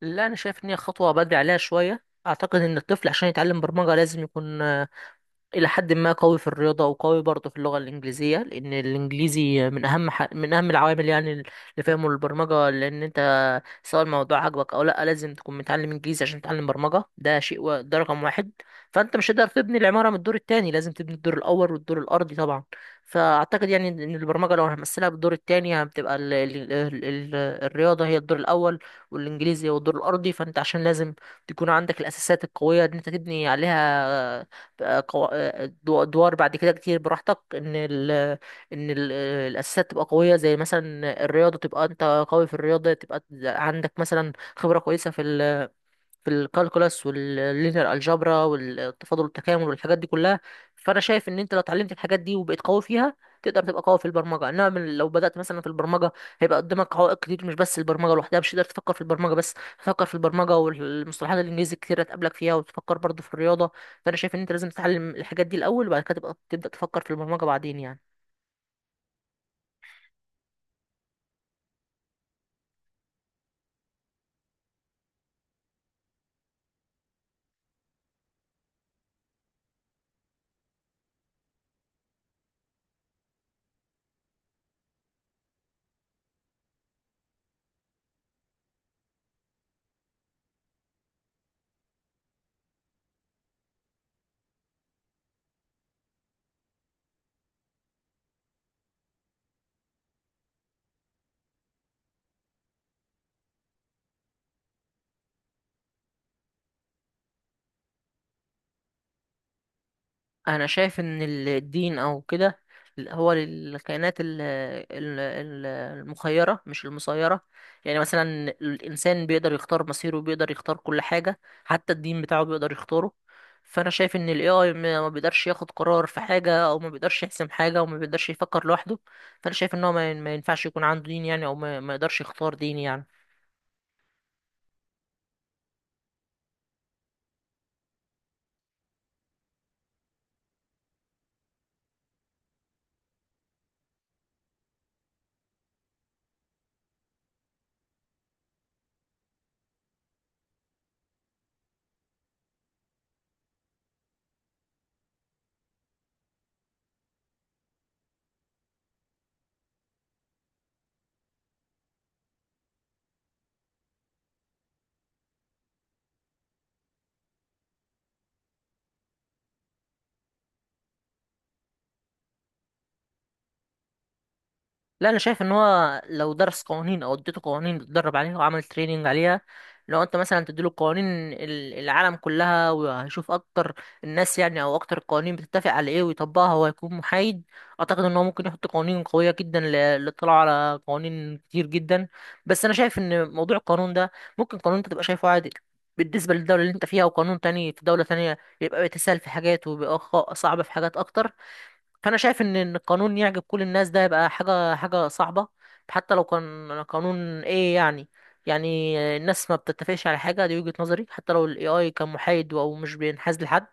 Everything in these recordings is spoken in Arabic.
لا، انا شايف ان هي خطوه بدري عليها شويه. اعتقد ان الطفل عشان يتعلم برمجه لازم يكون إلى حد ما قوي في الرياضة وقوي برضه في اللغة الإنجليزية، لأن الإنجليزي من أهم من أهم العوامل يعني اللي فهمه البرمجة، لأن أنت سواء الموضوع عجبك أو لأ لازم تكون متعلم إنجليزي عشان تتعلم برمجة. ده شيء ده رقم واحد. فأنت مش هتقدر تبني العمارة من الدور التاني، لازم تبني الدور الأول والدور الأرضي طبعا. فأعتقد يعني إن البرمجة لو هنمثلها بالدور التاني هتبقى الرياضة هي الدور الأول، والإنجليزي هو الدور الأرضي. فأنت عشان لازم تكون عندك الأساسات القوية إن أنت تبني عليها بقى قو- ادوار بعد كده كتير براحتك. ان ال ان ال الاساسات تبقى قويه، زي مثلا الرياضه تبقى انت قوي في الرياضه، تبقى عندك مثلا خبره كويسه في في الكالكولاس واللينير الجبرا والتفاضل والتكامل والحاجات دي كلها. فانا شايف ان انت لو اتعلمت الحاجات دي وبقيت قوي فيها تقدر تبقى قوي في البرمجه، انما من لو بدات مثلا في البرمجه هيبقى قدامك عوائق كتير. مش بس البرمجه لوحدها، مش هتقدر تفكر في البرمجه بس، تفكر في البرمجه والمصطلحات الانجليزي الكتير هتقابلك فيها وتفكر برضه في الرياضه. فانا شايف ان انت لازم تتعلم الحاجات دي الاول، وبعد كده تبقى تبدا تفكر في البرمجه بعدين يعني. انا شايف ان الدين او كده هو للكائنات المخيره مش المسيره. يعني مثلا الانسان بيقدر يختار مصيره، بيقدر يختار كل حاجه، حتى الدين بتاعه بيقدر يختاره. فانا شايف ان الاي اي ما بيقدرش ياخد قرار في حاجه، او ما بيقدرش يحسم حاجه، او ما بيقدرش يفكر لوحده. فانا شايف ان هو ما ينفعش يكون عنده دين يعني، او ما يقدرش يختار دين يعني. لا، انا شايف ان هو لو درس قوانين او اديته قوانين اتدرب عليها وعمل تريننج عليها، لو انت مثلا تديله قوانين العالم كلها وهيشوف اكتر الناس يعني، او اكتر القوانين بتتفق على ايه ويطبقها، هو هيكون محايد. اعتقد ان هو ممكن يحط قوانين قوية جدا للاطلاع على قوانين كتير جدا. بس انا شايف ان موضوع القانون ده ممكن قانون انت تبقى شايفه عادي بالنسبة للدولة اللي انت فيها، وقانون تاني في دولة تانية يبقى بيتسهل في حاجات وبيبقى صعب في حاجات اكتر. فانا شايف ان إن القانون يعجب كل الناس ده يبقى حاجه صعبه، حتى لو كان قانون ايه يعني. يعني الناس ما بتتفقش على حاجه، دي وجهه نظري، حتى لو الاي اي كان محايد او مش بينحاز لحد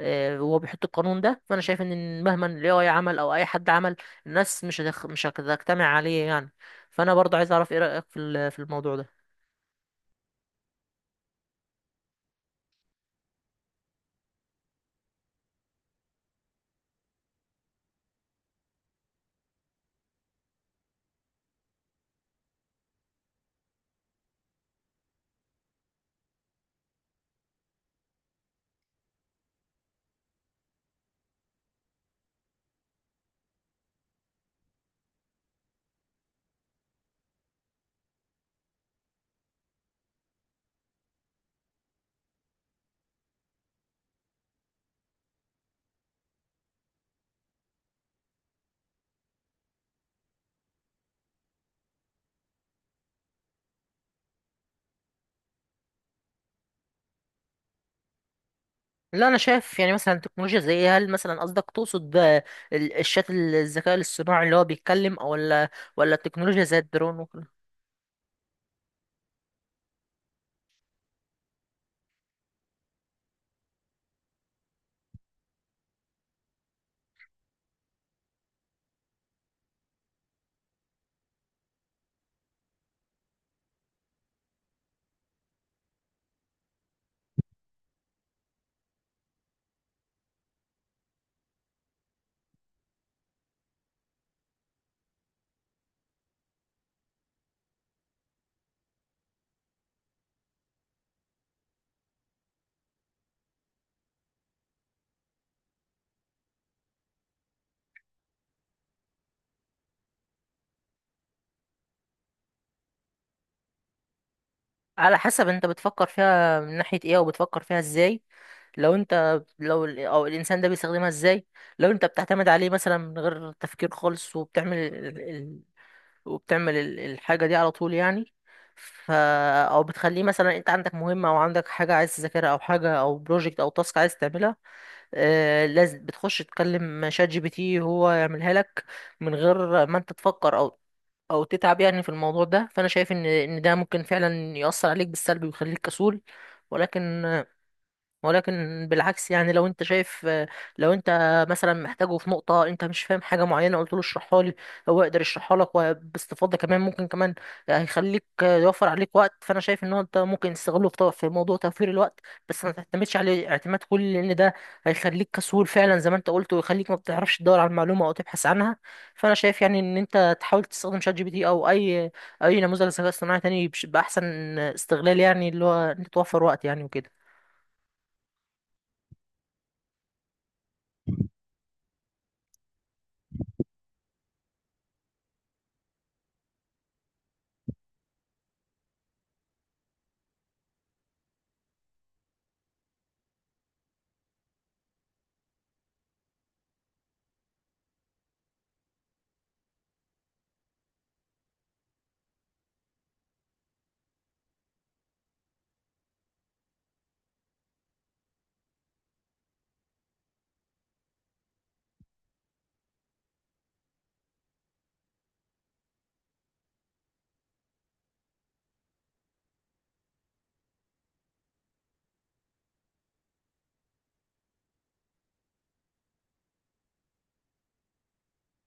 وهو بيحط القانون ده. فانا شايف ان مهما الاي اي عمل او اي حد عمل الناس مش هتجتمع عليه يعني. فانا برضه عايز اعرف ايه رايك في في الموضوع ده. لا، انا شايف يعني مثلا تكنولوجيا زي إيه؟ هل مثلا قصدك تقصد الشات الذكاء الاصطناعي اللي هو بيتكلم ولا ولا التكنولوجيا زي الدرون. على حسب انت بتفكر فيها من ناحية ايه، او بتفكر فيها ازاي، لو انت لو او الانسان ده بيستخدمها ازاي. لو انت بتعتمد عليه مثلا من غير تفكير خالص، وبتعمل وبتعمل الحاجة دي على طول يعني. ف او بتخليه، مثلا انت عندك مهمة او عندك حاجة عايز تذاكرها، او حاجة او بروجكت او تاسك عايز تعملها، آه لازم بتخش تكلم شات جي بي تي هو يعملها لك من غير ما انت تفكر او تتعب يعني في الموضوع ده. فانا شايف ان ده ممكن فعلا يأثر عليك بالسلب ويخليك كسول. ولكن ولكن بالعكس يعني، لو انت شايف، لو انت مثلا محتاجه في نقطة انت مش فاهم حاجة معينة، قلت له اشرحها لي، هو يقدر يشرحها لك وباستفاضة كمان، ممكن كمان هيخليك يوفر عليك وقت. فانا شايف ان هو انت ممكن تستغله في موضوع توفير الوقت، بس ما تعتمدش عليه اعتماد كلي، لان ده هيخليك كسول فعلا زي ما انت قلت، ويخليك ما بتعرفش تدور على المعلومة او تبحث عنها. فانا شايف يعني ان انت تحاول تستخدم شات جي بي تي او اي نموذج ذكاء اصطناعي تاني باحسن استغلال، يعني اللي هو انت توفر وقت يعني وكده.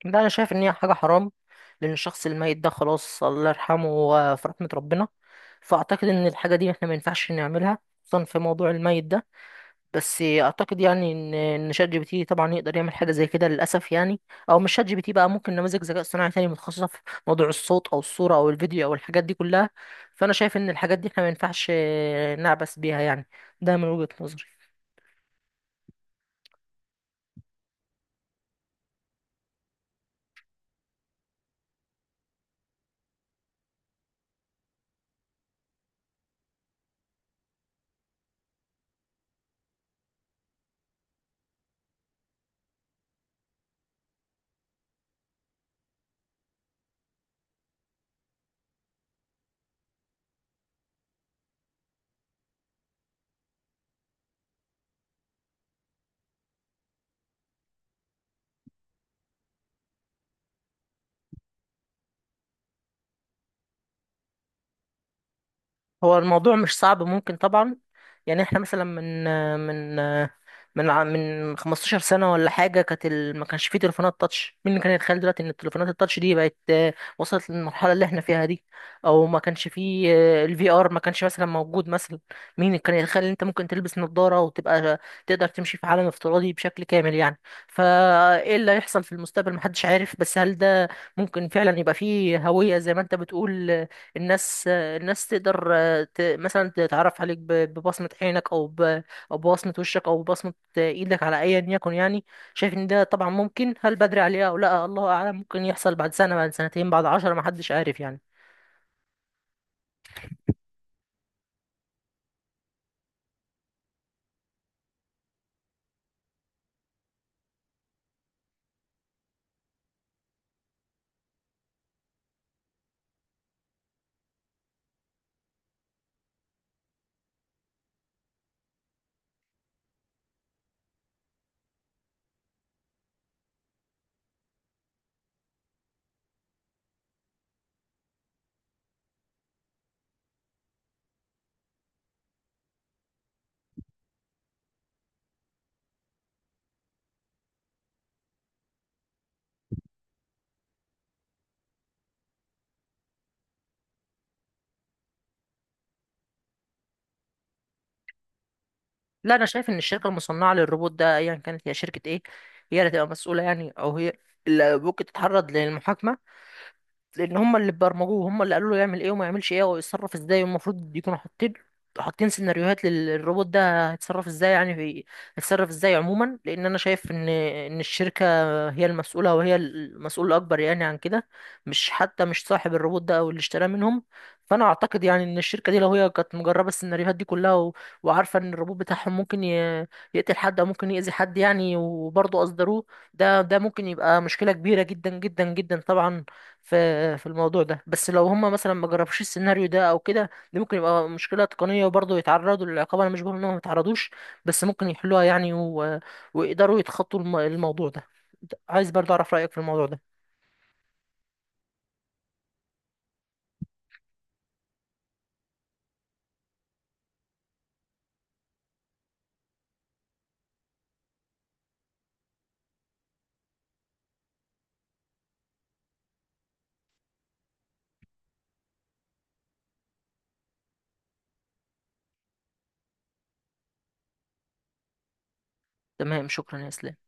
لا، انا شايف ان هي حاجه حرام، لان الشخص الميت ده خلاص الله يرحمه، هو في رحمه ربنا. فاعتقد ان الحاجه دي احنا ما ينفعش نعملها، خصوصا في موضوع الميت ده. بس اعتقد يعني ان شات جي بي تي طبعا يقدر يعمل حاجه زي كده للاسف يعني، او مش شات جي بي تي بقى، ممكن نماذج ذكاء اصطناعي تاني متخصصه في موضوع الصوت او الصوره او الفيديو او الحاجات دي كلها. فانا شايف ان الحاجات دي احنا ما ينفعش نعبث بيها يعني، ده من وجهه نظري. هو الموضوع مش صعب، ممكن طبعا. يعني احنا مثلا من من 15 سنة ولا حاجة كانت ما كانش فيه تليفونات تاتش. مين اللي كان يتخيل دلوقتي ان التليفونات التاتش دي بقت وصلت للمرحلة اللي احنا فيها دي؟ او ما كانش فيه الفي ار، ما كانش مثلا موجود مثلا. مين اللي كان يتخيل ان انت ممكن تلبس نظارة وتبقى تقدر تمشي في عالم افتراضي بشكل كامل يعني؟ فايه اللي هيحصل في المستقبل محدش عارف. بس هل ده ممكن فعلا يبقى فيه هوية زي ما انت بتقول، الناس الناس تقدر مثلا تتعرف عليك ببصمة عينك أو أو ببصمة وشك أو ببصمة إيدك على أيا يكن يعني. شايف إن ده طبعا ممكن، هل بدري عليه أو لأ الله أعلم، ممكن يحصل بعد سنة، بعد سنتين، بعد عشرة، محدش عارف يعني. لا، أنا شايف إن الشركة المصنعة للروبوت ده أيا كانت هي شركة إيه، هي اللي تبقى مسؤولة يعني، أو هي اللي ممكن تتعرض للمحاكمة، لان هم اللي برمجوه، هم اللي قالوا له يعمل ايه وما يعملش ايه ويتصرف ازاي، والمفروض يكونوا حاطين سيناريوهات للروبوت ده هيتصرف ازاي يعني، في هيتصرف ازاي عموما. لان انا شايف ان الشركه هي المسؤوله وهي المسؤول الاكبر يعني عن كده، مش حتى مش صاحب الروبوت ده او اللي اشتراه منهم. فانا اعتقد يعني ان الشركه دي لو هي كانت مجربه السيناريوهات دي كلها وعارفه ان الروبوت بتاعهم ممكن يقتل حد او ممكن يأذي حد يعني وبرضه اصدروه، ده ممكن يبقى مشكله كبيره جدا جدا جدا طبعا في الموضوع ده. بس لو هم مثلا ما جربوش السيناريو ده او كده، دي ممكن يبقى مشكله تقنيه وبرضه يتعرضوا للعقاب، انا مش بقول انهم ما يتعرضوش، بس ممكن يحلوها يعني ويقدروا يتخطوا الموضوع ده. عايز برضه اعرف رايك في الموضوع ده. تمام، شكرا يا اسلام.